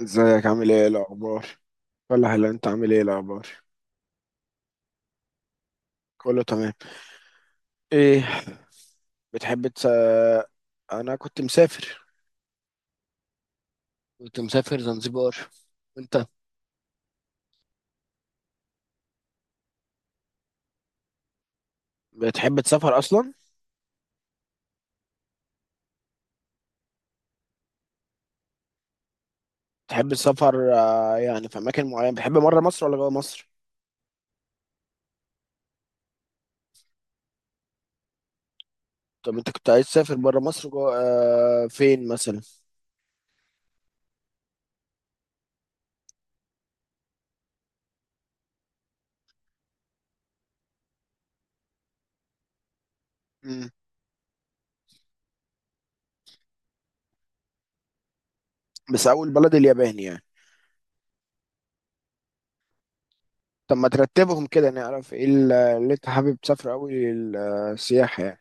ازيك؟ عامل ايه الاخبار؟ ولا هلا، انت عامل ايه الاخبار؟ كله تمام. ايه؟ بتحب تس... انا كنت مسافر زنزبار. وانت؟ بتحب تسافر اصلا؟ بتحب السفر. يعني في اماكن معينه، بتحب بره مصر ولا جوه مصر؟ طب انت كنت عايز تسافر بره مصر جوه، فين مثلا؟ مم. بس اول بلد اليابان يعني؟ طب ما ترتبهم كده نعرف ايه اللي انت حابب تسافر اول. السياحه.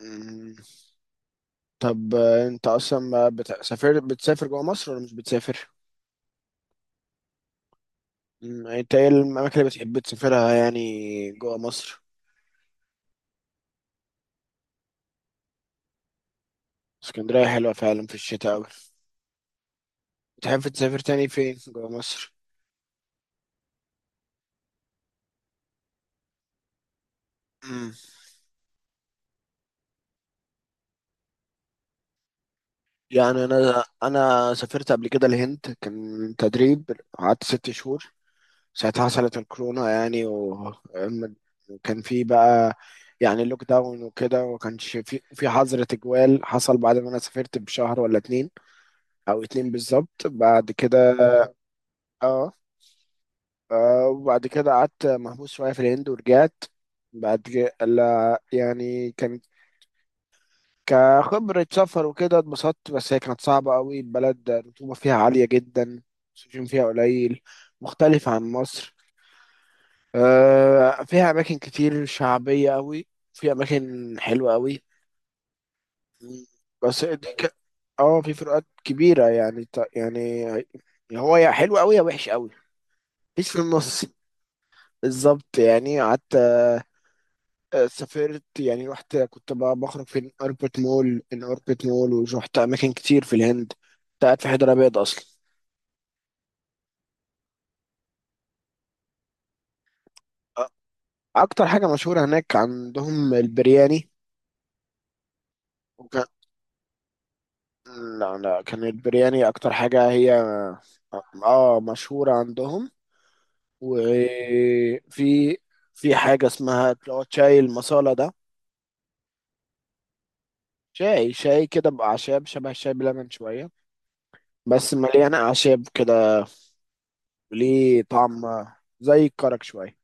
يعني طب، انت اصلا ما بت- سافر بتسافر جوه مصر ولا مش بتسافر؟ يعني انت ايه الاماكن اللي بتحب تسافرها يعني جوه مصر؟ اسكندريه حلوه فعلا في الشتاء اوي. بتحب تسافر تاني فين جوه مصر؟ مم. يعني انا سافرت قبل كده الهند، كان تدريب. قعدت 6 شهور. ساعتها حصلت الكورونا يعني. وكان في بقى، يعني لوك داون وكده، وما كانش في حظر تجوال. حصل بعد ما انا سافرت بشهر ولا 2، او 2 بالظبط بعد كده. اه. وبعد كده قعدت محبوس شوية في الهند ورجعت. بعد كده لا، يعني كانت كخبرة سفر وكده اتبسطت، بس هي كانت صعبة قوي. بلد الرطوبة فيها عالية جدا. السجون فيها قليل، مختلف عن مصر. فيها أماكن كتير شعبية قوي، في أماكن حلوة قوي. بس دي اه، في فروقات كبيرة يعني، يعني هو يا حلو قوي يا وحش قوي. مفيش في النص. بالظبط. يعني قعدت. سافرت يعني. رحت، كنت بقى بخرج في أوربت مول، ورحت أماكن كتير في الهند. كنت قاعد في حيدر أبيض أصلا. أ- أكتر حاجة مشهورة هناك عندهم البرياني. وكان، لا لا، كان البرياني أكتر حاجة هي مشهورة عندهم. وفي حاجة اسمها اللي هو شاي المصالة ده. شاي كده بأعشاب، شبه الشاي بلبن شوية، بس مليانة أعشاب كده. ليه طعم زي الكرك شوية.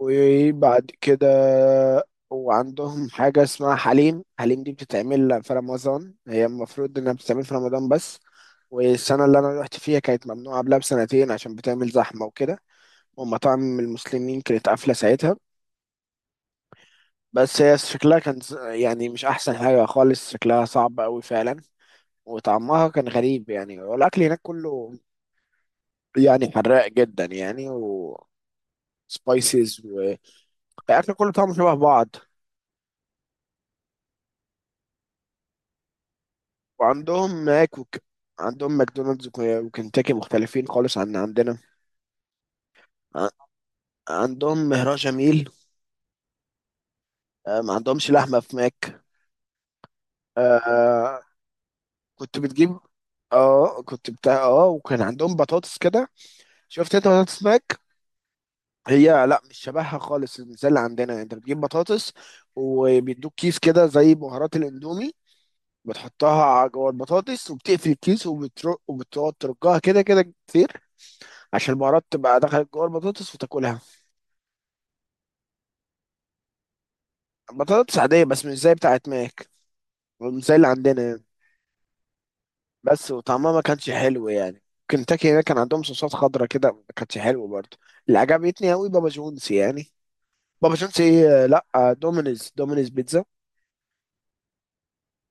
وبعد كده وعندهم حاجة اسمها حليم. حليم دي بتتعمل في رمضان، هي المفروض إنها بتتعمل في رمضان بس. والسنة اللي أنا روحت فيها كانت ممنوعة قبلها بسنتين عشان بتعمل زحمة وكده، ومطاعم المسلمين كانت قافلة ساعتها. بس هي شكلها كان يعني مش أحسن حاجة خالص، شكلها صعب أوي فعلا. وطعمها كان غريب يعني، والأكل هناك كله يعني حراق جدا يعني. وسبايسز. الاكل كله طعمه شبه بعض. وعندهم ماك عندهم ماكدونالدز وكنتاكي مختلفين خالص عن عندنا. ع- عندهم مهراج جميل. ما عندهمش لحمه في ماك. آه، كنت بتجيب. اه كنت بتاع، وكان عندهم بطاطس كده. شفت انت بطاطس ماك؟ هي لا، مش شبهها خالص زي اللي عندنا. انت بتجيب بطاطس، وبيدوك كيس كده زي بهارات الاندومي، بتحطها على جوه البطاطس، وبتقفل الكيس، وبتقعد ترجها كده كده كتير، عشان البهارات تبقى دخلت جوه البطاطس وتاكلها. بطاطس عادية بس مش زي بتاعت ماك، مش زي اللي عندنا يعني. بس وطعمها ما كانش حلو يعني. كنتاكي هنا كان عندهم صوصات خضرا كده، ما كانتش حلوة برضه. اللي عجبتني قوي بابا جونز يعني. بابا جونز، ايه لا، دومينيز بيتزا.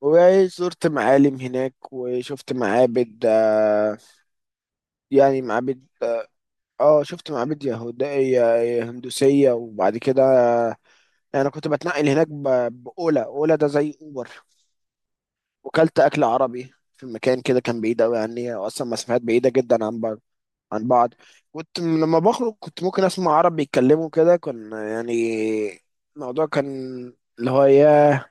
وزرت معالم هناك وشفت معابد. يعني معابد. اه، شفت معابد يهودية هندوسية. وبعد كده يعني انا كنت بتنقل هناك بأولا. أولا ده زي أوبر. وكلت اكل عربي في مكان كده كان بعيد قوي عني اصلا، مسافات بعيده جدا عن بعض. كنت لما بخرج كنت ممكن اسمع عرب بيتكلموا كده. كان يعني الموضوع كان، اللي هو ياه،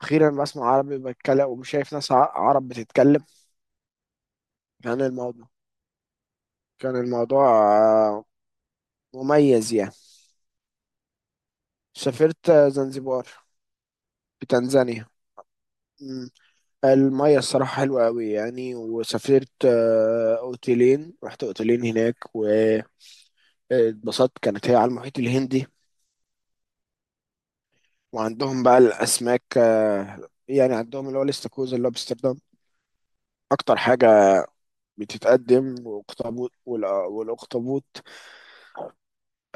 اخيرا بسمع عربي بتكلم، ومش شايف ناس عرب بتتكلم. كان الموضوع كان الموضوع مميز يعني. سافرت، زنزبار، في تنزانيا. مم. المية الصراحة حلوة أوي يعني. وسافرت، رحت أوتيلين هناك، و اتبسطت كانت هي على المحيط الهندي. وعندهم بقى الأسماك، يعني عندهم اللي هو الاستاكوزا، اللي هو بأمستردام أكتر حاجة بتتقدم، والأخطبوط.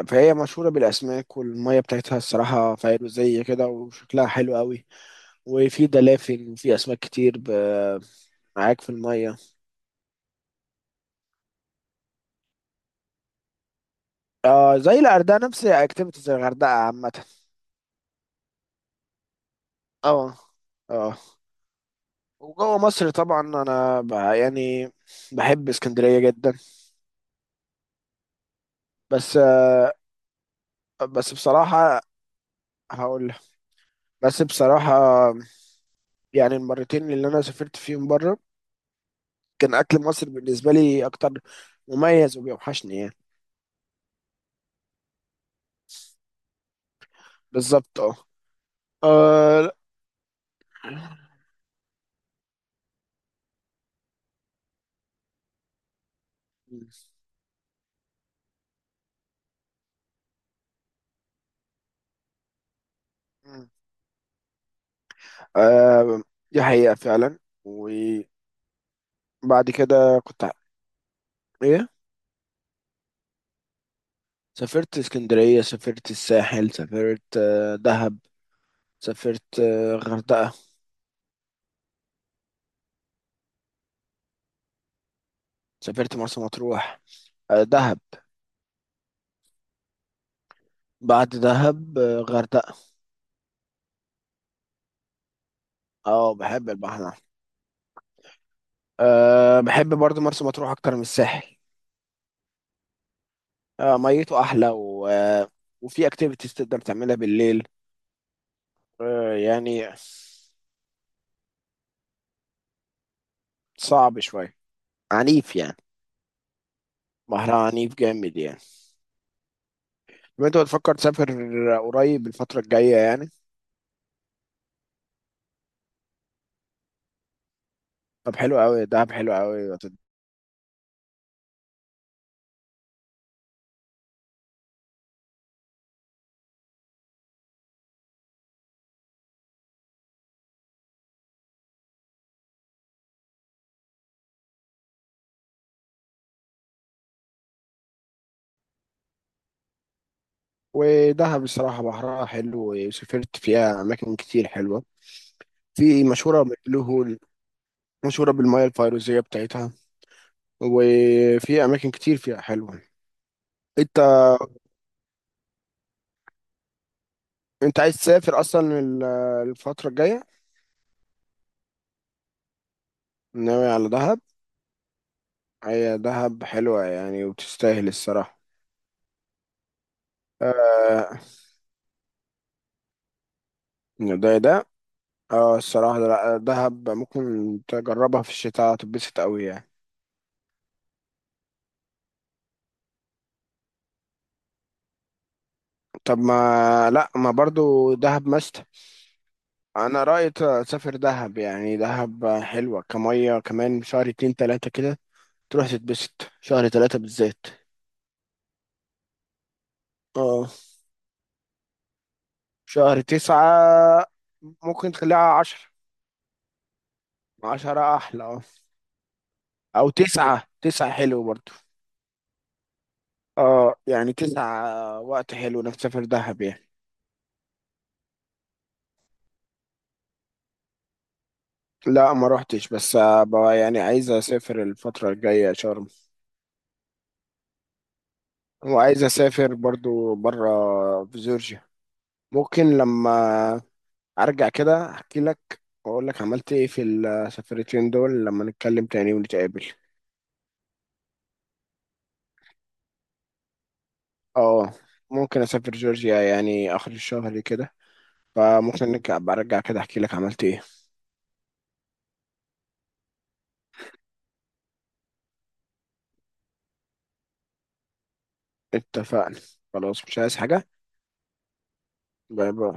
فهي مشهورة بالأسماك، والمية بتاعتها الصراحة فيروزية كده، وشكلها حلو قوي. وفي دلافين وفي أسماك كتير معاك في المية. آه، زي الغردقة، نفس اكتيفيتي زي الغردقة عامة. اه. اه. وجوه مصر طبعا أنا بقى يعني بحب اسكندرية جدا. بس آه، بس بصراحة، هقول لك. بس بصراحة يعني، المرتين اللي أنا سافرت فيهم بره، كان أكل مصر بالنسبة لي أكتر مميز وبيوحشني يعني. بالظبط. أه. آه. لا. مم. آه، دي حقيقة فعلا. وبعد كده كنت ع- إيه. سافرت اسكندرية، سافرت الساحل، سافرت، دهب، سافرت، غردقة، سافرت مرسى مطروح، دهب. بعد دهب، غردقة. اه، بحب البحر. أه، بحب برضو مرسى مطروح أكتر من الساحل. أه، ميته أحلى و... آه، وفي أكتيفيتيز تقدر تعملها بالليل. أه يعني. صعب شوية. عنيف يعني. بحرها عنيف جامد يعني. طب أنت بتفكر تسافر قريب الفترة الجاية يعني؟ طب حلو أوي، دهب حلو أوي. ودهب بصراحة بحرها حلو، وسافرت فيها أماكن كتير حلوة. في مشهورة بالبلو هول، مشهورة بالمياه الفيروزية بتاعتها، وفي أماكن كتير فيها حلوة. انت. انت عايز تسافر اصلا الفترة الجاية؟ ناوي على دهب. هي دهب حلوة يعني وتستاهل الصراحة. آه. ده. اه الصراحة ده- لا دهب ممكن تجربها في الشتاء، هتتبسط قوي يعني. طب ما لا ما برضو دهب مست انا رأيي تسافر دهب يعني، دهب حلوة. كمية كمان شهر اتنين تلاتة كده، تروح تتبسط شهر 3 بالذات. اه. شهر 9، ممكن تخليها 10. 10 أحلى. او تسعة حلو برضو. اه، يعني 9 وقت حلو نسافر دهب يعني. لا ما روحتش، بس بقى يعني عايز اسافر الفترة الجاية شرم. وعايز اسافر برضو برا، في جورجيا. ممكن لما ارجع كده احكي لك، واقول لك عملت ايه في السفرتين دول لما نتكلم تاني ونتقابل. اه، ممكن اسافر جورجيا يعني اخر الشهر كده. فممكن برجع كده احكي لك عملت ايه. اتفقنا. خلاص مش عايز حاجة. باي باي.